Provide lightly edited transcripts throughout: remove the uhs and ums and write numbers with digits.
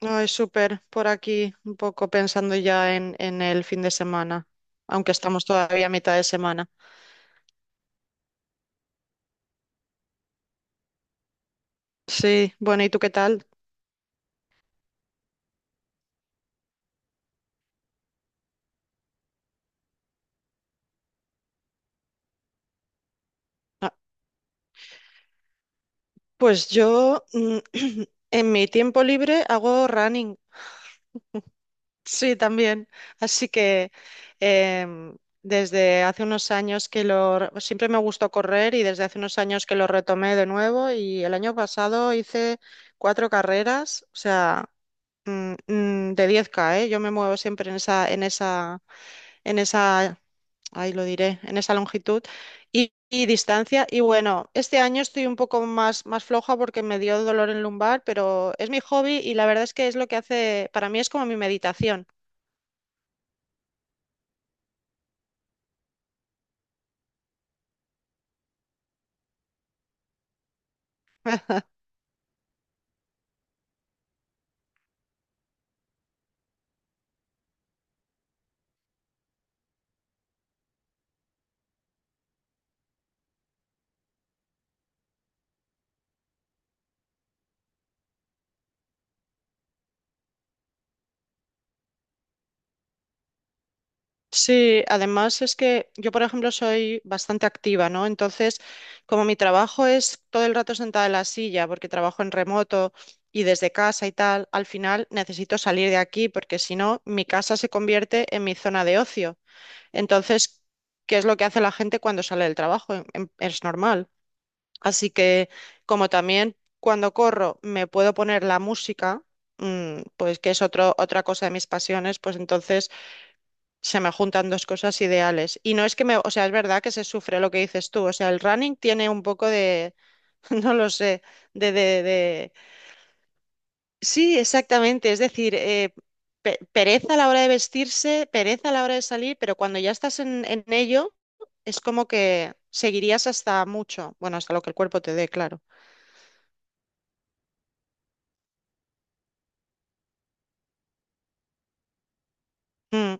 Ay, súper, por aquí un poco pensando ya en el fin de semana, aunque estamos todavía a mitad de semana. Sí, bueno, ¿y tú qué tal? Ah, pues yo en mi tiempo libre hago running, sí, también. Así que em, desde hace unos años que siempre me gustó correr y desde hace unos años que lo retomé de nuevo y el año pasado hice cuatro carreras, o sea, de 10K, ¿eh? Yo me muevo siempre en esa, en esa, ahí lo diré, en esa longitud y distancia. Y bueno, este año estoy un poco más, más floja porque me dio dolor en lumbar, pero es mi hobby y la verdad es que es lo que hace, para mí es como mi meditación. Sí, además es que yo, por ejemplo, soy bastante activa, ¿no? Entonces, como mi trabajo es todo el rato sentada en la silla, porque trabajo en remoto y desde casa y tal, al final necesito salir de aquí, porque si no, mi casa se convierte en mi zona de ocio. Entonces, ¿qué es lo que hace la gente cuando sale del trabajo? Es normal. Así que, como también cuando corro me puedo poner la música, pues que es otro, otra cosa de mis pasiones, pues entonces se me juntan dos cosas ideales. Y no es que me, o sea, es verdad que se sufre lo que dices tú. O sea, el running tiene un poco de, no lo sé, de, de, sí, exactamente. Es decir, pereza a la hora de vestirse, pereza a la hora de salir, pero cuando ya estás en ello, es como que seguirías hasta mucho, bueno, hasta lo que el cuerpo te dé, claro. Mm.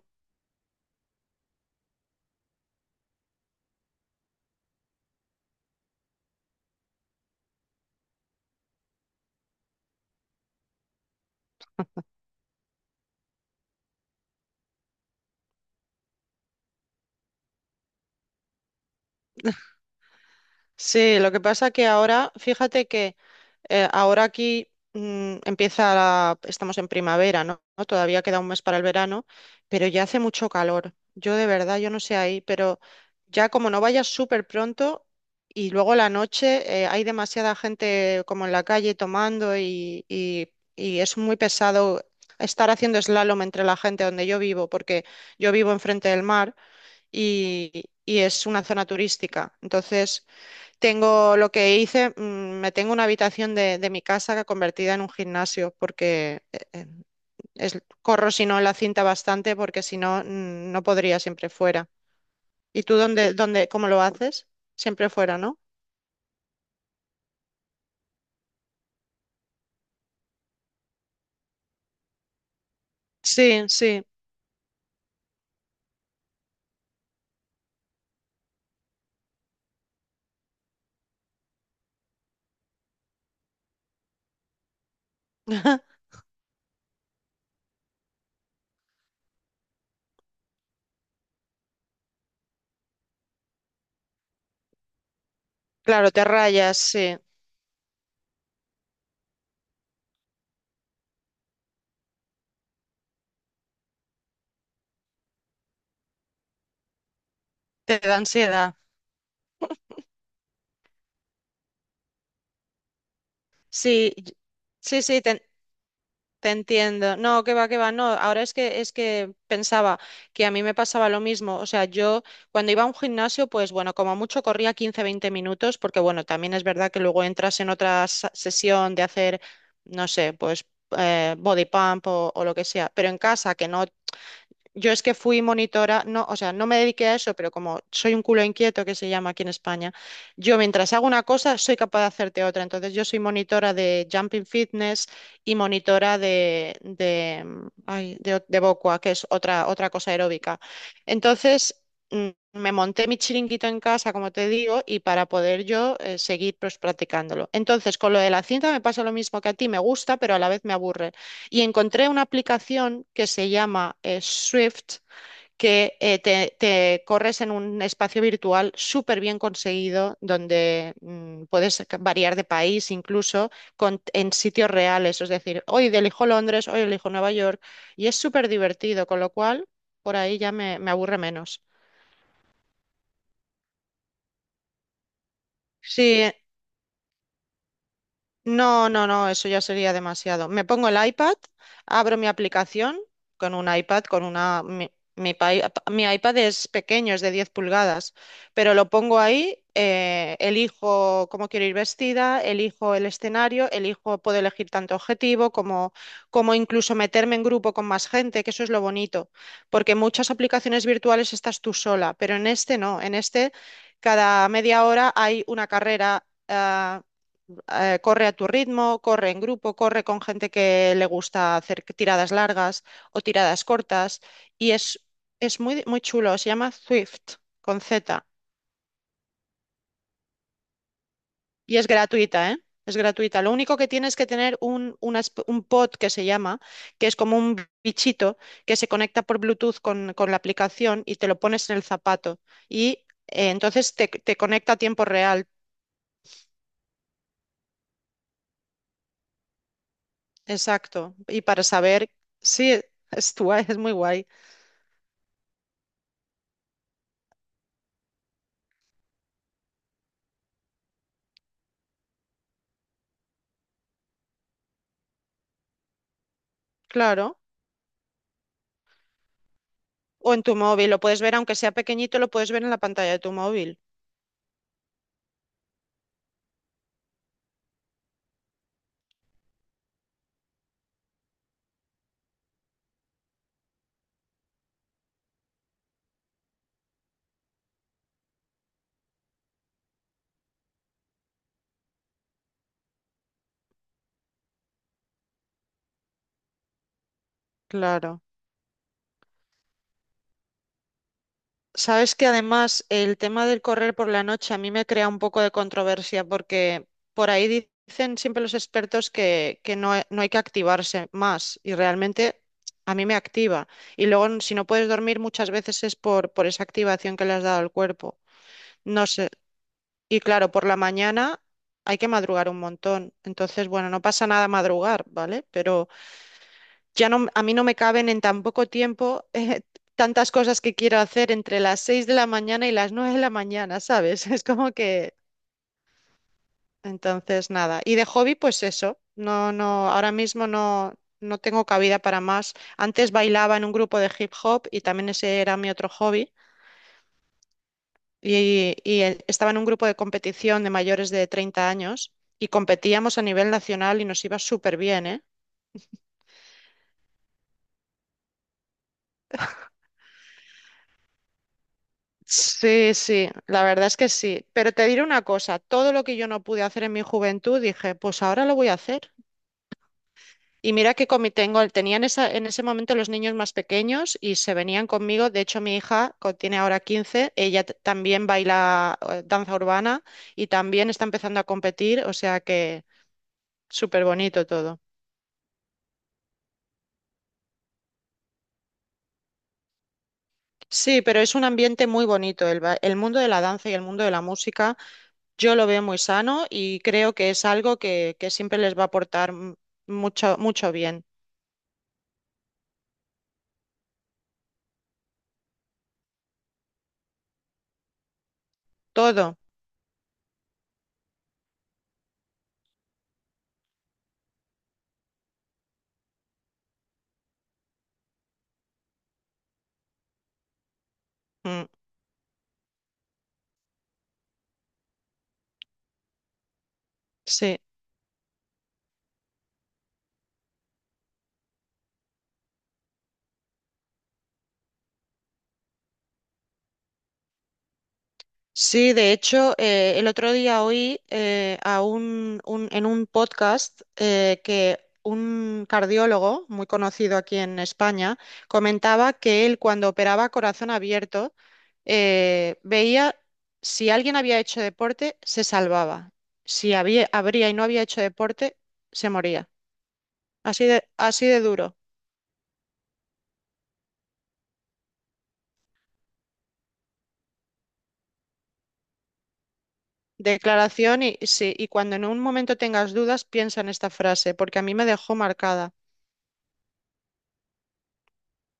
Sí, lo que pasa que ahora, fíjate que ahora aquí estamos en primavera, ¿no? Todavía queda un mes para el verano, pero ya hace mucho calor. Yo de verdad, yo no sé ahí, pero ya como no vayas súper pronto y luego la noche hay demasiada gente como en la calle tomando y y es muy pesado estar haciendo slalom entre la gente donde yo vivo, porque yo vivo enfrente del mar y es una zona turística. Entonces tengo lo que hice, me tengo una habitación de mi casa convertida en un gimnasio porque corro si no la cinta bastante porque si no no podría siempre fuera. ¿Y tú cómo lo haces? Siempre fuera, ¿no? Sí, sí. Claro, te rayas, sí. Te da ansiedad. Sí, y- sí, te entiendo. No, que va, que va. No, ahora es que pensaba que a mí me pasaba lo mismo. O sea, yo cuando iba a un gimnasio, pues bueno, como mucho corría 15 20 minutos, porque bueno, también es verdad que luego entras en otra sesión de hacer, no sé, pues body pump o lo que sea. Pero en casa, que no, yo es que fui monitora, no, o sea, no me dediqué a eso, pero como soy un culo inquieto que se llama aquí en España, yo mientras hago una cosa soy capaz de hacerte otra. Entonces yo soy monitora de Jumping Fitness y monitora de, mm, ay, de, o- de Bokwa, que es otra, otra cosa aeróbica. Entonces me monté mi chiringuito en casa, como te digo, y para poder yo seguir pues, practicándolo. Entonces con lo de la cinta me pasa lo mismo que a ti, me gusta, pero a la vez me aburre. Y encontré una aplicación que se llama Swift, que te corres en un espacio virtual súper bien conseguido, donde puedes variar de país incluso con, en sitios reales. Es decir, hoy elijo Londres, hoy elijo Nueva York, y es súper divertido, con lo cual por ahí ya me aburre menos. Sí, no, no, no, eso ya sería demasiado. Me pongo el iPad, abro mi aplicación con un iPad, con una... mi iPad es pequeño, es de 10 pulgadas, pero lo pongo ahí, elijo cómo quiero ir vestida, elijo el escenario, elijo, puedo elegir tanto objetivo como, como incluso meterme en grupo con más gente, que eso es lo bonito, porque en muchas aplicaciones virtuales estás tú sola, pero en este no, en este cada media hora hay una carrera. Corre a tu ritmo, corre en grupo, corre con gente que le gusta hacer tiradas largas o tiradas cortas y es muy, muy chulo, se llama Swift con Z y es gratuita, ¿eh? Es gratuita. Lo único que tienes que tener un, una un pod que se llama, que es como un bichito que se conecta por Bluetooth con la aplicación y te lo pones en el zapato. Y entonces te conecta a tiempo real. Exacto. Y para saber, sí, es, es muy guay. Claro. O en tu móvil, lo puedes ver, aunque sea pequeñito, lo puedes ver en la pantalla de tu móvil. Claro. Sabes que además el tema del correr por la noche a mí me crea un poco de controversia porque por ahí dicen siempre los expertos que no, no hay que activarse más y realmente a mí me activa. Y luego si no puedes dormir muchas veces es por esa activación que le has dado al cuerpo. No sé. Y claro, por la mañana hay que madrugar un montón. Entonces, bueno, no pasa nada madrugar, ¿vale? Pero... ya no, a mí no me caben en tan poco tiempo tantas cosas que quiero hacer entre las 6 de la mañana y las 9 de la mañana, ¿sabes? Es como que, entonces, nada. Y de hobby, pues eso, no, no, ahora mismo no, no tengo cabida para más. Antes bailaba en un grupo de hip hop y también ese era mi otro hobby. Y estaba en un grupo de competición de mayores de 30 años y competíamos a nivel nacional y nos iba súper bien, ¿eh? Sí, sí, la verdad es que sí. Pero te diré una cosa, todo lo que yo no pude hacer en mi juventud, dije, pues ahora lo voy a hacer. Y mira que con tenían esa, en ese momento los niños más pequeños y se venían conmigo. De hecho, mi hija tiene ahora 15. Ella también baila danza urbana y también está empezando a competir, o sea que súper bonito todo. Sí, pero es un ambiente muy bonito, el, el mundo de la danza y el mundo de la música. Yo lo veo muy sano y creo que es algo que siempre les va a aportar mucho, mucho bien. Todo. Mm, sí. Sí, de hecho, el otro día oí a en un podcast que un cardiólogo muy conocido aquí en España comentaba que él cuando operaba corazón abierto veía si alguien había hecho deporte, se salvaba. Si había, habría y no había hecho deporte, se moría. Así de duro. Declaración y sí, y cuando en un momento tengas dudas, piensa en esta frase, porque a mí me dejó marcada.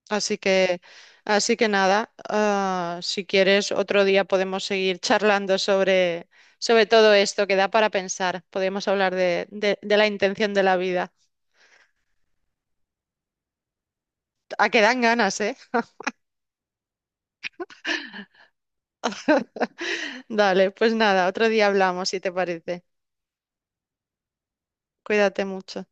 Así que, así que nada, ah, si quieres, otro día podemos seguir charlando sobre, sobre todo esto que da para pensar. Podemos hablar de la intención de la vida. A que dan ganas, ¿eh? Dale, pues nada, otro día hablamos, si te parece. Cuídate mucho.